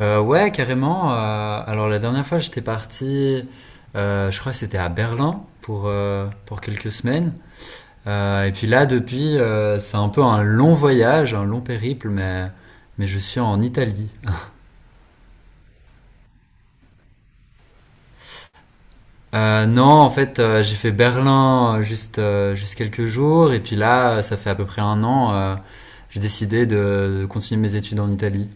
Ouais, carrément. Alors la dernière fois, j'étais parti, je crois que c'était à Berlin pour quelques semaines. Et puis là, depuis, c'est un peu un long voyage, un long périple, mais je suis en Italie. Non, en fait, j'ai fait Berlin juste quelques jours. Et puis là, ça fait à peu près un an, j'ai décidé de continuer mes études en Italie.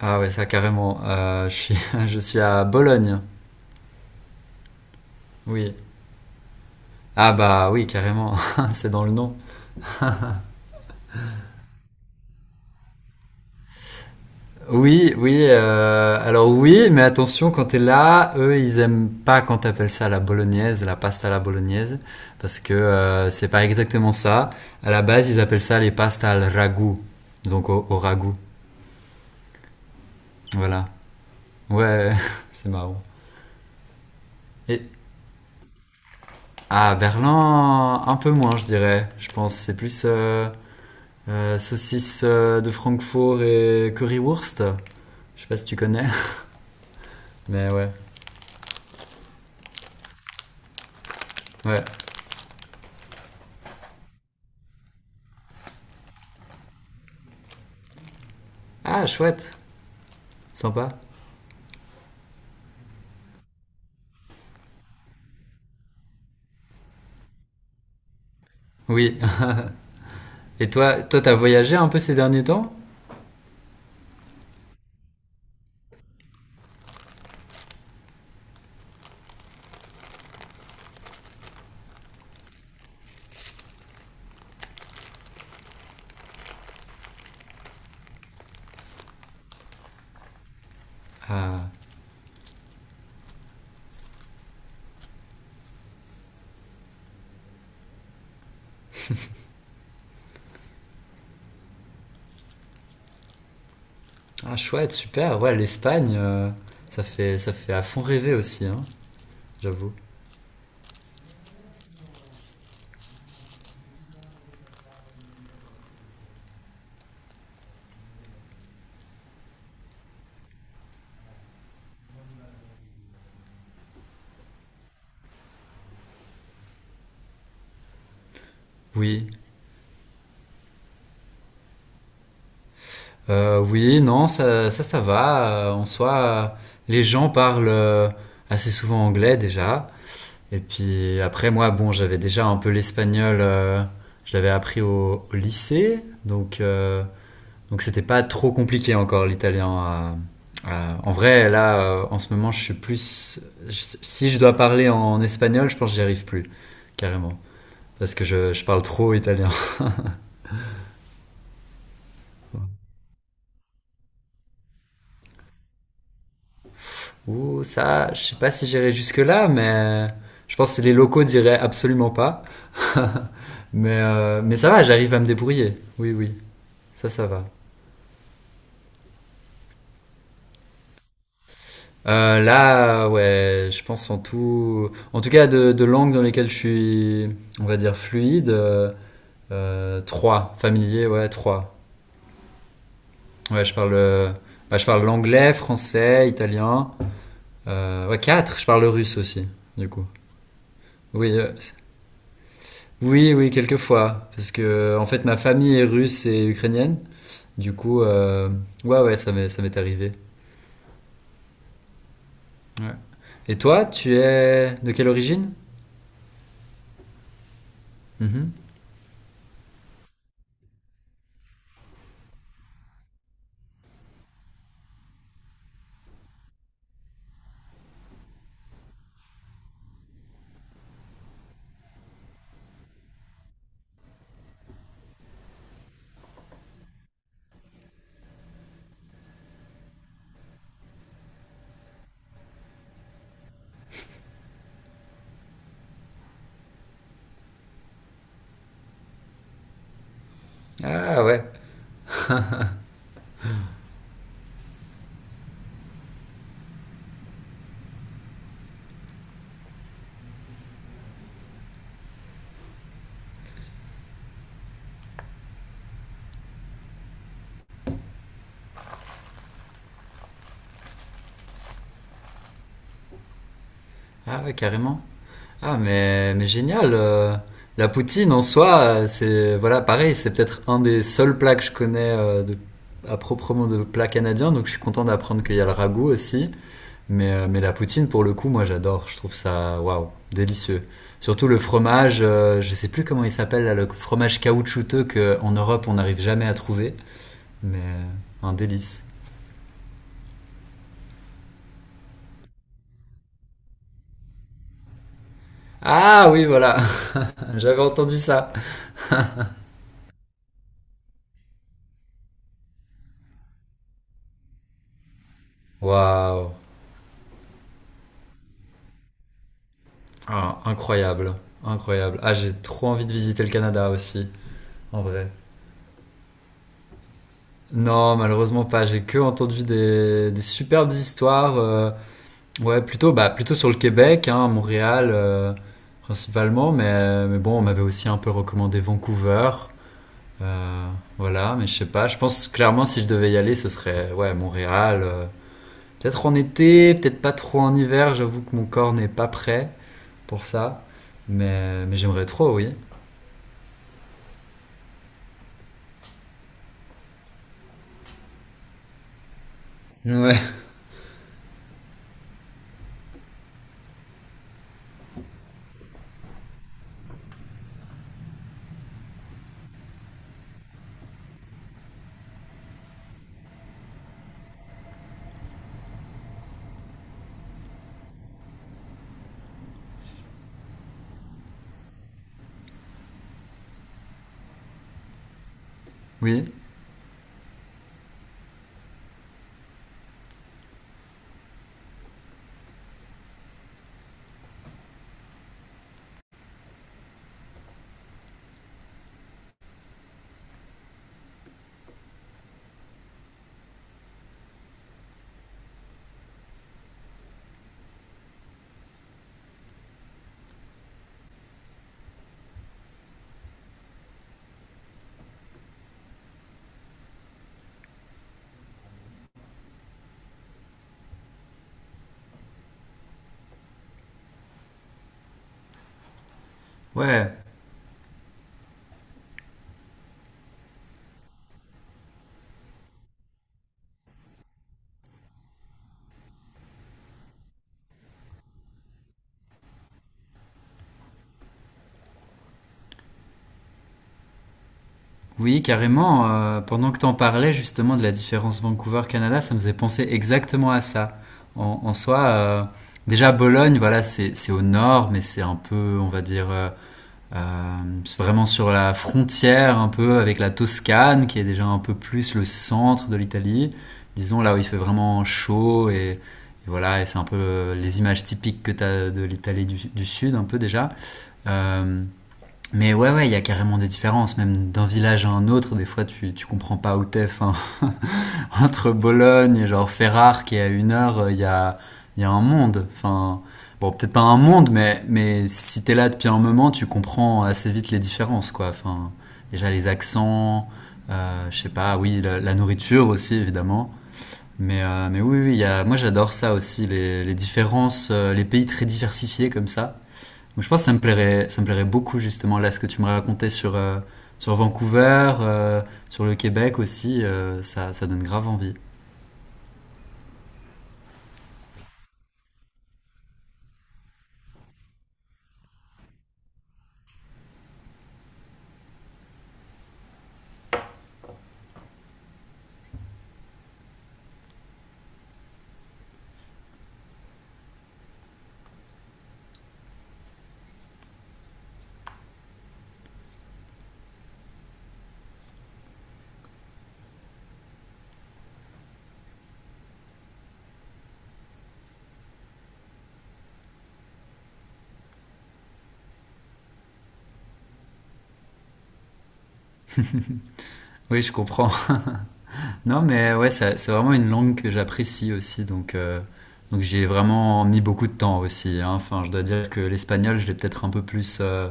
Ah ouais, ça carrément. Je suis, je suis à Bologne, oui. Ah bah oui, carrément, c'est dans le nom. Oui, oui, alors oui, mais attention, quand t'es là, eux, ils aiment pas quand t'appelles ça la bolognaise, la pasta à la bolognaise, parce que c'est pas exactement ça. À la base, ils appellent ça les pastas al ragout, donc au ragout, voilà. Ouais, c'est marrant. Et à Berlin, un peu moins, je dirais. Je pense c'est plus saucisse de Francfort et currywurst. Je sais pas si tu connais, mais ouais, ouais. Ah, chouette, sympa. Oui. Et toi, toi, t'as voyagé un peu ces derniers temps? Ah, chouette, super. Ouais, l'Espagne, ça fait à fond rêver aussi, hein, j'avoue. Oui. Oui, non, ça va. En soi, les gens parlent assez souvent anglais déjà. Et puis après, moi, bon, j'avais déjà un peu l'espagnol. Je l'avais appris au lycée. Donc c'était pas trop compliqué encore l'italien. En vrai, là, en ce moment, je suis plus. Je- si je dois parler en espagnol, je pense que j'y arrive plus, carrément, parce que je parle trop italien. Ouh, ça, je sais pas si j'irai jusque là, mais je pense que les locaux diraient absolument pas. Mais ça va, j'arrive à me débrouiller. Oui, oui, ça va. Là, ouais, je pense en tout cas de langues dans lesquelles je suis, on va dire fluide. Trois, familier, ouais, trois. Ouais, bah, je parle l'anglais, français, italien. Ouais, quatre, je parle le russe aussi, du coup. Oui, euh, c- oui, oui, quelquefois. Parce que, en fait, ma famille est russe et ukrainienne. Du coup, ouais, ouais, ça m'est arrivé. Ouais. Et toi, tu es de quelle origine? Mhm. Ah ouais, ah ouais, carrément. Ah, mais génial. La poutine en soi, c'est voilà, pareil, c'est peut-être un des seuls plats que je connais euh, à proprement de plats canadiens, donc je suis content d'apprendre qu'il y a le ragoût aussi. Mais la poutine, pour le coup, moi j'adore. Je trouve ça waouh, délicieux. Surtout le fromage, je sais plus comment il s'appelle là, le fromage caoutchouteux qu'en Europe on n'arrive jamais à trouver, mais un délice. Ah oui, voilà, j'avais entendu ça. Waouh, ah, incroyable, incroyable. Ah, j'ai trop envie de visiter le Canada aussi, en vrai. Non, malheureusement pas. J'ai que entendu des superbes histoires. Ouais, plutôt, bah, plutôt sur le Québec, hein, Montréal principalement. Mais bon, on m'avait aussi un peu recommandé Vancouver. Euh, voilà, mais je sais pas. Je pense clairement si je devais y aller, ce serait ouais Montréal. Peut-être en été, peut-être pas trop en hiver. J'avoue que mon corps n'est pas prêt pour ça. Mais j'aimerais trop, oui. Ouais. Oui. Ouais, oui, carrément. Pendant que t'en parlais justement de la différence Vancouver-Canada, ça me faisait penser exactement à ça. En soi, déjà Bologne, voilà, c'est au nord, mais c'est un peu, on va dire, euh, c'est vraiment sur la frontière un peu avec la Toscane, qui est déjà un peu plus le centre de l'Italie. Disons là où il fait vraiment chaud et voilà, et c'est un peu les images typiques que t'as de l'Italie du sud, un peu déjà. Euh, Mais ouais, ouais, il y a carrément des différences, même d'un village à un autre. Des fois, tu comprends pas où t'es. Enfin, entre Bologne et genre Ferrare, qui est à une heure, il y a un monde. Enfin, bon, peut-être pas un monde, mais si t'es là depuis un moment, tu comprends assez vite les différences, quoi. Enfin, déjà les accents, je sais pas, oui, la nourriture aussi, évidemment. Mais oui, oui, il y a, moi j'adore ça aussi, les différences, les pays très diversifiés comme ça. Donc, je pense que ça me plairait beaucoup justement là ce que tu me racontais sur sur Vancouver, sur le Québec aussi, ça donne grave envie. Oui, je comprends. non, mais ouais, c'est vraiment une langue que j'apprécie aussi, donc j'y ai vraiment mis beaucoup de temps aussi. Hein. Enfin, je dois dire que l'espagnol, je l'ai peut-être un peu plus.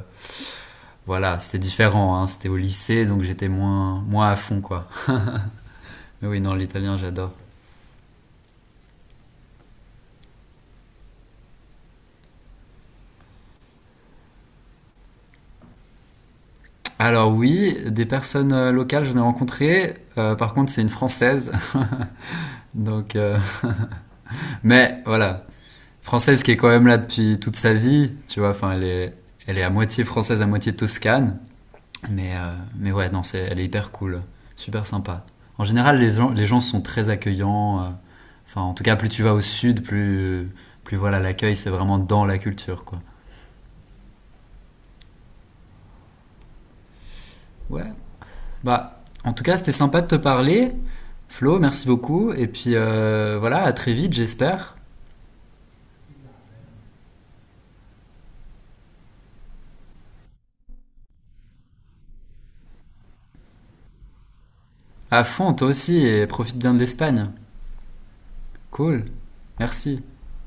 Voilà, c'était différent, hein. C'était au lycée, donc j'étais moins, moins à fond, quoi. Mais oui, non, l'italien, j'adore. Alors oui, des personnes locales, je ai rencontrées. Par contre, c'est une française. Donc, mais voilà, française qui est quand même là depuis toute sa vie, tu vois. Enfin, elle est à moitié française, à moitié toscane. Mais, euh, mais ouais, non, c'est, elle est hyper cool, super sympa. En général, les gens sont très accueillants. Enfin, en tout cas, plus tu vas au sud, plus voilà, l'accueil, c'est vraiment dans la culture, quoi. Ouais. Bah, en tout cas, c'était sympa de te parler. Flo, merci beaucoup. Et puis voilà, à très vite, j'espère. À fond, toi aussi, et profite bien de l'Espagne. Cool. Merci.